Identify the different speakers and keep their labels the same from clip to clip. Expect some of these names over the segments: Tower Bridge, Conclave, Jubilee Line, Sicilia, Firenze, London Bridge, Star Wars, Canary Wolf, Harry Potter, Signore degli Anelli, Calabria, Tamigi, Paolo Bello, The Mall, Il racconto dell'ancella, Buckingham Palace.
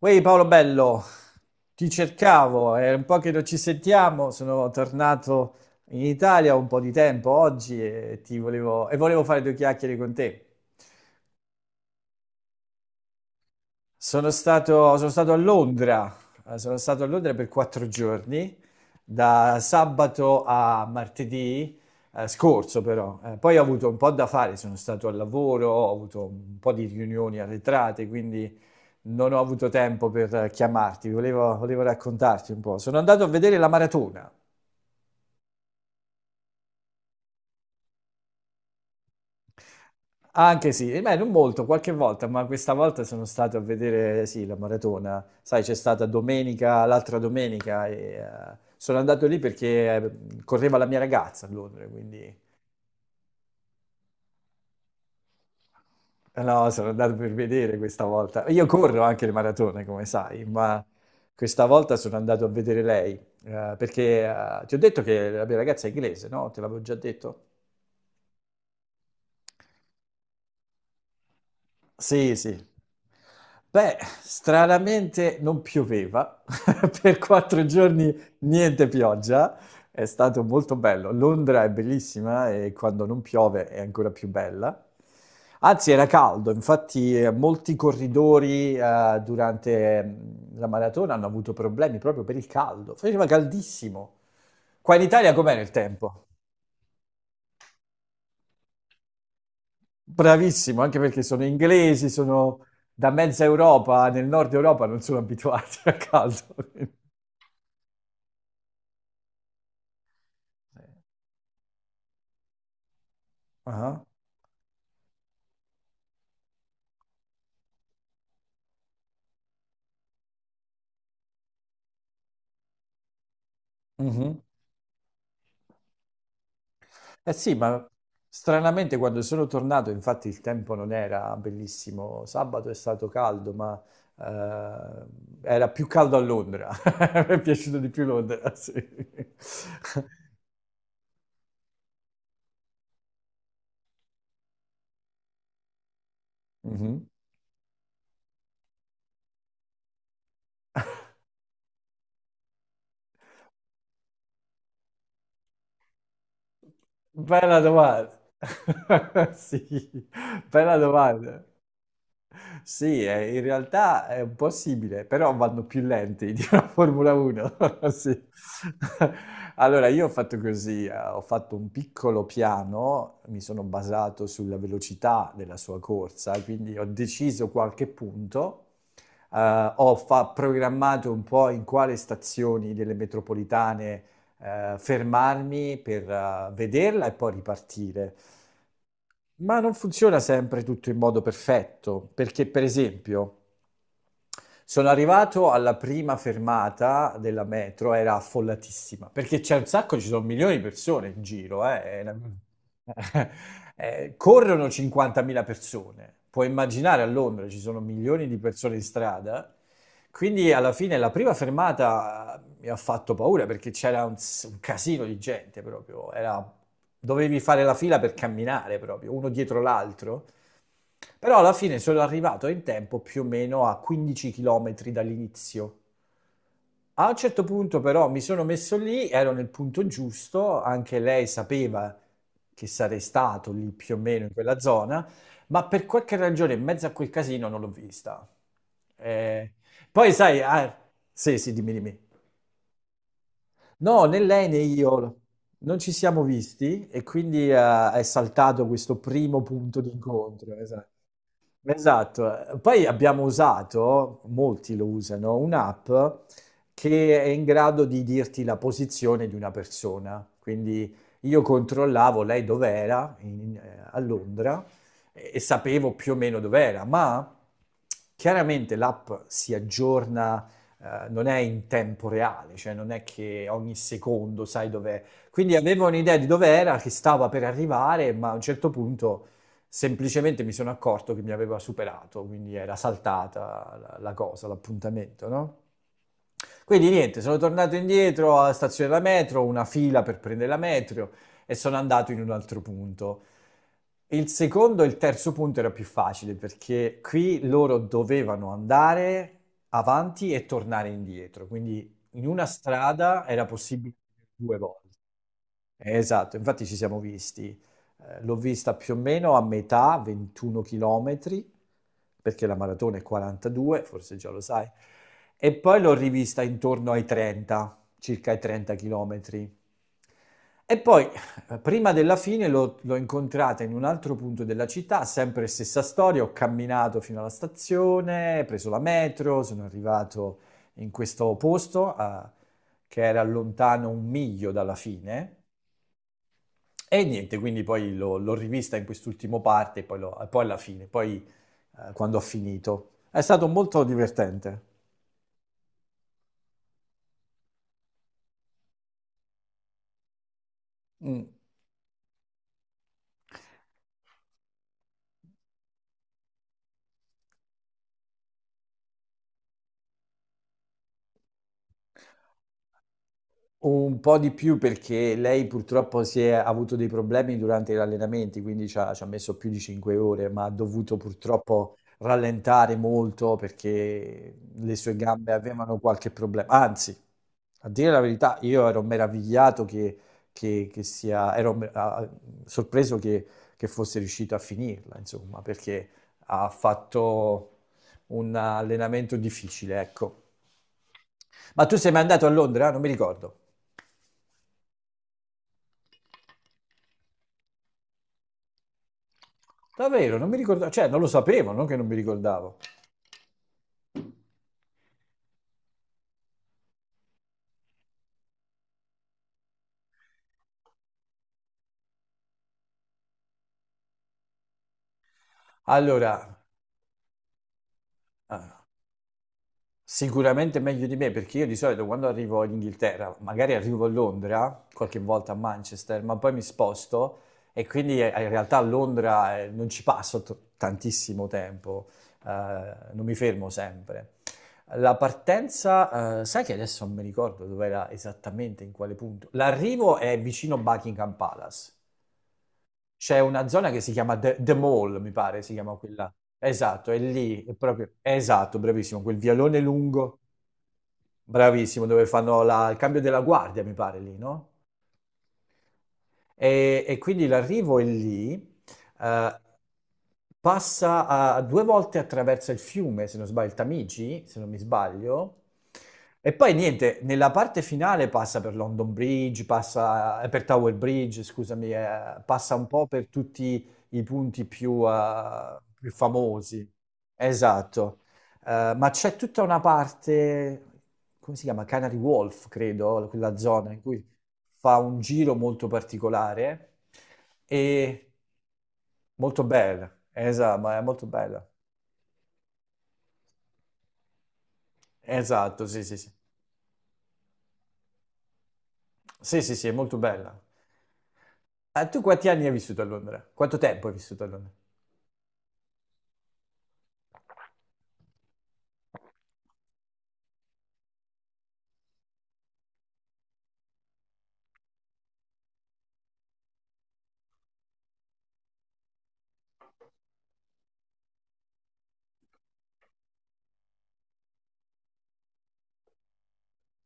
Speaker 1: Uè Paolo Bello, ti cercavo, è un po' che non ci sentiamo, sono tornato in Italia un po' di tempo oggi e volevo fare due chiacchiere con te. Sono stato a Londra. Sono stato a Londra per 4 giorni, da sabato a martedì scorso però. Poi ho avuto un po' da fare, sono stato al lavoro, ho avuto un po' di riunioni arretrate, quindi non ho avuto tempo per chiamarti, volevo raccontarti un po'. Sono andato a vedere la maratona. Anche sì, e beh, non molto, qualche volta, ma questa volta sono stato a vedere, sì, la maratona. Sai, c'è stata domenica, l'altra domenica, e sono andato lì perché correva la mia ragazza a Londra, quindi no, sono andato per vedere questa volta. Io corro anche le maratone, come sai, ma questa volta sono andato a vedere lei, perché ti ho detto che la mia ragazza è inglese, no? Te l'avevo già detto. Sì, sì. Beh, stranamente non pioveva, per 4 giorni niente pioggia, è stato molto bello. Londra è bellissima e quando non piove è ancora più bella. Anzi, era caldo, infatti molti corridori durante la maratona hanno avuto problemi proprio per il caldo, faceva caldissimo. Qua in Italia com'era il tempo? Bravissimo, anche perché sono inglesi, sono da mezza Europa, nel nord Europa non sono abituati al caldo. Sì. Ah. Mhm. Eh sì, ma stranamente quando sono tornato, infatti il tempo non era bellissimo, sabato è stato caldo, ma eh, era più caldo a Londra, mi è piaciuto di più Londra, sì. Mhm. Bella domanda, sì, bella domanda. Sì, in realtà è un po' simile, però vanno più lenti di una Formula 1. Sì. Allora, io ho fatto così, ho fatto un piccolo piano, mi sono basato sulla velocità della sua corsa, quindi ho deciso qualche punto, programmato un po' in quale stazioni delle metropolitane fermarmi per vederla e poi ripartire. Ma non funziona sempre tutto in modo perfetto, perché per esempio sono arrivato alla prima fermata della metro, era affollatissima, perché c'è un sacco, ci sono milioni di persone in giro, corrono 50.000 persone, puoi immaginare a Londra ci sono milioni di persone in strada, quindi alla fine la prima fermata mi ha fatto paura perché c'era un casino di gente proprio, era, dovevi fare la fila per camminare proprio, uno dietro l'altro, però alla fine sono arrivato in tempo più o meno a 15 km dall'inizio. A un certo punto però mi sono messo lì, ero nel punto giusto, anche lei sapeva che sarei stato lì più o meno in quella zona, ma per qualche ragione in mezzo a quel casino non l'ho vista. Eh, Poi sai. Ah, sì, sì, dimmi, dimmi. No, né lei né io non ci siamo visti e quindi è saltato questo primo punto di incontro. Esatto, poi abbiamo usato, molti lo usano, un'app che è in grado di dirti la posizione di una persona. Quindi io controllavo lei dov'era a Londra e, sapevo più o meno dov'era, ma chiaramente l'app si aggiorna, non è in tempo reale, cioè non è che ogni secondo sai dov'è. Quindi avevo un'idea di dov'era, che stava per arrivare, ma a un certo punto. Semplicemente mi sono accorto che mi aveva superato, quindi era saltata la cosa, l'appuntamento, no? Quindi niente, sono tornato indietro alla stazione della metro, una fila per prendere la metro e sono andato in un altro punto. Il secondo e il terzo punto era più facile perché qui loro dovevano andare avanti e tornare indietro, quindi in una strada era possibile due volte. Esatto, infatti ci siamo visti. L'ho vista più o meno a metà, 21 chilometri, perché la maratona è 42, forse già lo sai, e poi l'ho rivista intorno ai 30, circa ai 30 chilometri. E poi, prima della fine, l'ho incontrata in un altro punto della città, sempre stessa storia, ho camminato fino alla stazione, preso la metro, sono arrivato in questo posto, che era lontano un miglio dalla fine e niente, quindi poi l'ho rivista in quest'ultimo parte, e poi, poi alla fine, poi quando ho finito. È stato molto divertente. Mm. Un po' di più perché lei purtroppo si è ha avuto dei problemi durante gli allenamenti, quindi c'ha messo più di 5 ore, ma ha dovuto purtroppo rallentare molto perché le sue gambe avevano qualche problema. Anzi, a dire la verità, io ero meravigliato che sia, ero me- ah, sorpreso che fosse riuscito a finirla, insomma, perché ha fatto un allenamento difficile, ecco. Ma tu sei mai andato a Londra? Non mi ricordo. Davvero, non mi ricordavo, cioè non lo sapevo, non che non mi ricordavo. Allora, ah, sicuramente meglio di me, perché io di solito quando arrivo in Inghilterra, magari arrivo a Londra, qualche volta a Manchester, ma poi mi sposto e quindi in realtà a Londra non ci passo tantissimo tempo, eh, non mi fermo sempre. La partenza, sai che adesso non mi ricordo dove era esattamente, in quale punto. L'arrivo è vicino Buckingham Palace. C'è una zona che si chiama The Mall, mi pare, si chiama quella. Esatto, è lì, è proprio, esatto, bravissimo, quel vialone lungo, bravissimo, dove fanno il cambio della guardia, mi pare, lì, no? E quindi l'arrivo è lì, eh, due volte attraversa il fiume, se non sbaglio, il Tamigi, se non mi sbaglio. E poi niente, nella parte finale passa per London Bridge, passa per Tower Bridge, scusami, passa un po' per tutti i punti più famosi. Esatto. Ma c'è tutta una parte, come si chiama? Canary Wolf, credo, quella zona in cui fa un giro molto particolare e molto bella. Esatto, ma è molto bella. Esatto, sì, sì, sì. Sì, sì, sì, è molto bella. Tu quanti anni hai vissuto a Londra? Quanto tempo hai vissuto a Londra?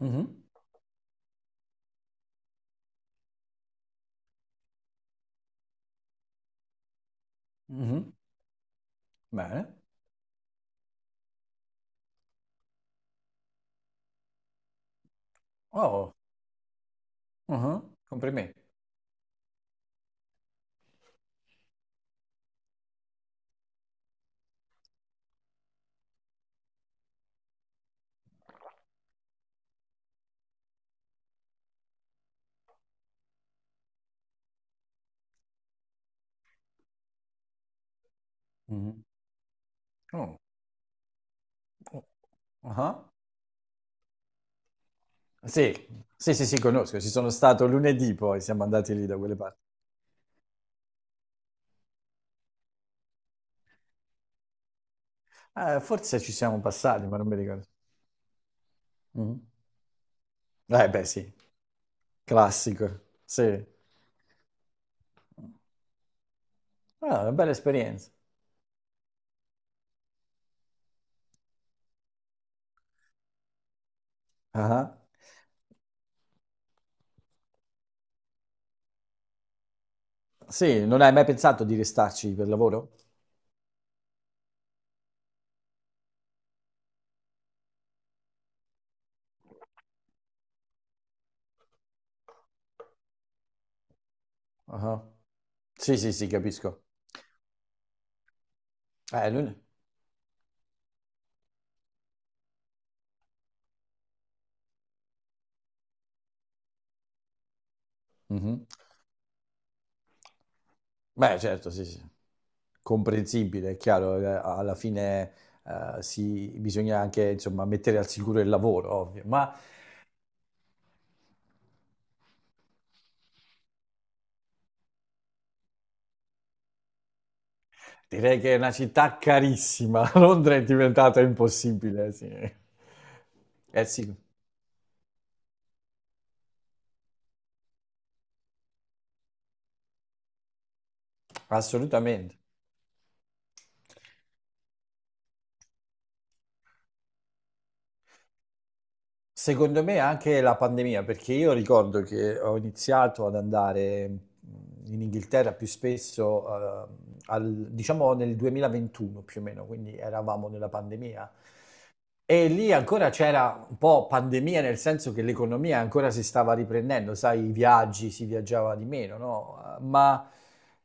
Speaker 1: Mhm, mhm. Bene. Oh, mhm, complimenti. Mhm. Oh, oh, ah. Sì, sì, sì, sì, conosco, ci sono stato lunedì poi, siamo andati lì da quelle parti. Forse ci siamo passati, ma non mi ricordo. Mhm. Eh beh, sì, classico, sì. Ah, una bella esperienza. Ah, ah. Sì, non hai mai pensato di restarci per lavoro? Ah. Ah. Sì, sì, sì, capisco. Eh, lun- Mhm. Beh, certo, sì, sì. Comprensibile, è chiaro, alla fine bisogna anche, insomma, mettere al sicuro il lavoro, ovvio, ma. Direi che è una città carissima. Londra è diventata impossibile, sì. Eh sì, assolutamente. Secondo me anche la pandemia, perché io ricordo che ho iniziato ad andare in Inghilterra più spesso, diciamo nel 2021 più o meno, quindi eravamo nella pandemia. E lì ancora c'era un po' pandemia, nel senso che l'economia ancora si stava riprendendo, sai, i viaggi, si viaggiava di meno, no? Ma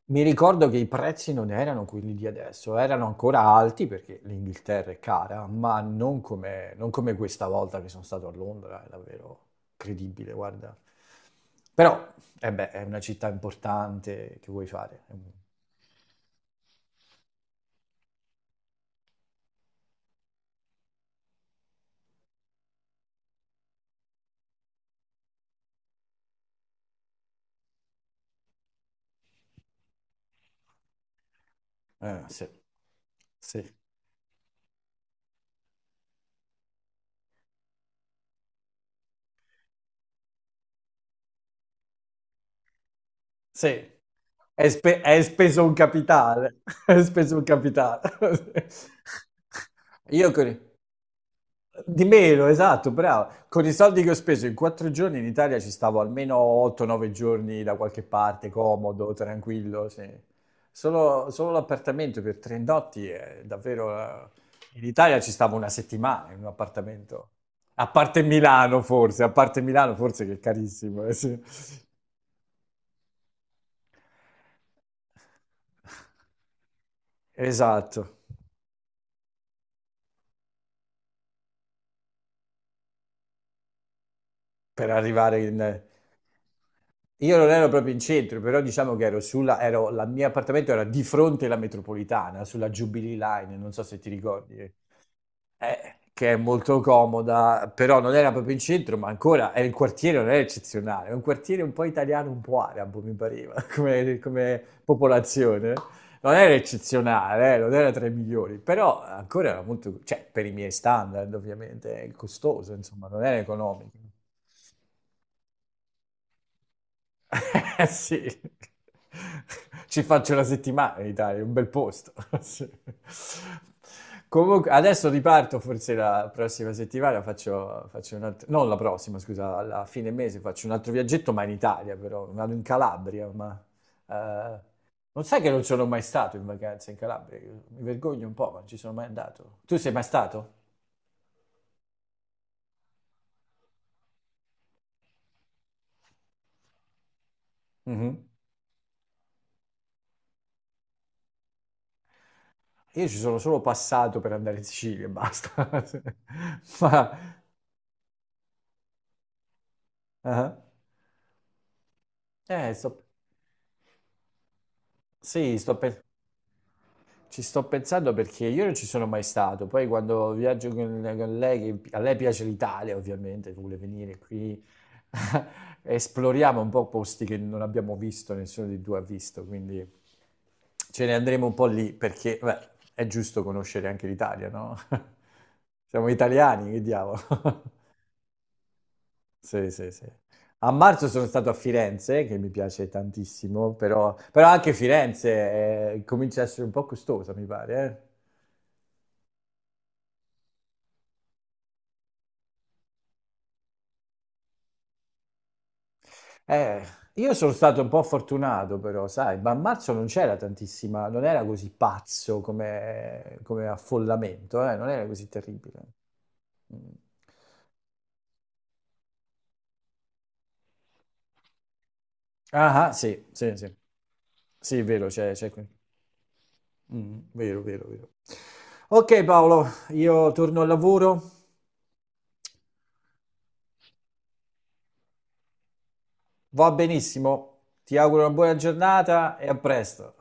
Speaker 1: mi ricordo che i prezzi non erano quelli di adesso, erano ancora alti perché l'Inghilterra è cara, ma non come questa volta che sono stato a Londra, è davvero credibile, guarda. Però, eh beh, è una città importante, che vuoi fare? Sì, sì, sì. Hai speso un capitale, hai speso un capitale. Io con i- di meno, esatto, bravo. Con i soldi che ho speso in 4 giorni in Italia ci stavo almeno 8-9 giorni da qualche parte, comodo, tranquillo, sì. Solo l'appartamento per 3 notti è davvero. In Italia ci stavo una settimana in un appartamento. A parte Milano forse, a parte Milano forse che è carissimo. Eh, sì. Esatto, per arrivare in. Io non ero proprio in centro, però diciamo che la mia appartamento era di fronte alla metropolitana, sulla Jubilee Line, non so se ti ricordi. Che è molto comoda, però non era proprio in centro, ma ancora è il quartiere non è eccezionale, è un quartiere un po' italiano, un po' arabo, mi pareva, come popolazione. Non era eccezionale, non era tra i migliori, però ancora era molto, cioè per i miei standard ovviamente, è costoso, insomma, non era economico. Sì, ci faccio la settimana in Italia, è un bel posto. Sì. Comunque, adesso riparto, forse la prossima settimana faccio, un altro, non la prossima, scusa, alla fine mese faccio un altro viaggetto, ma in Italia però, vado in Calabria, ma eh, non sai che non sono mai stato in vacanza in Calabria, io mi vergogno un po', ma non ci sono mai andato. Tu sei mai stato? Mhm. Io ci sono solo passato per andare in Sicilia e basta. Ma. Ah. Eh, sto- sì, ci sto pensando perché io non ci sono mai stato. Poi quando viaggio con lei, che a lei piace l'Italia, ovviamente, vuole venire qui, esploriamo un po' posti che non abbiamo visto, nessuno di due ha visto, quindi ce ne andremo un po' lì perché, beh, è giusto conoscere anche l'Italia, no? Siamo italiani, che diavolo. Sì, sì, sì. A marzo sono stato a Firenze, che mi piace tantissimo, però anche Firenze comincia a essere un po' costosa, mi pare. Eh, io sono stato un po' fortunato, però, sai, ma a marzo non c'era tantissima, non era così pazzo come affollamento, non era così terribile. Mm. Ah, ah, sì, sì, sì. Sì, è vero, c'è qui. Mm, vero, vero, vero. Ok, Paolo, io torno al lavoro. Va benissimo, ti auguro una buona giornata e a presto.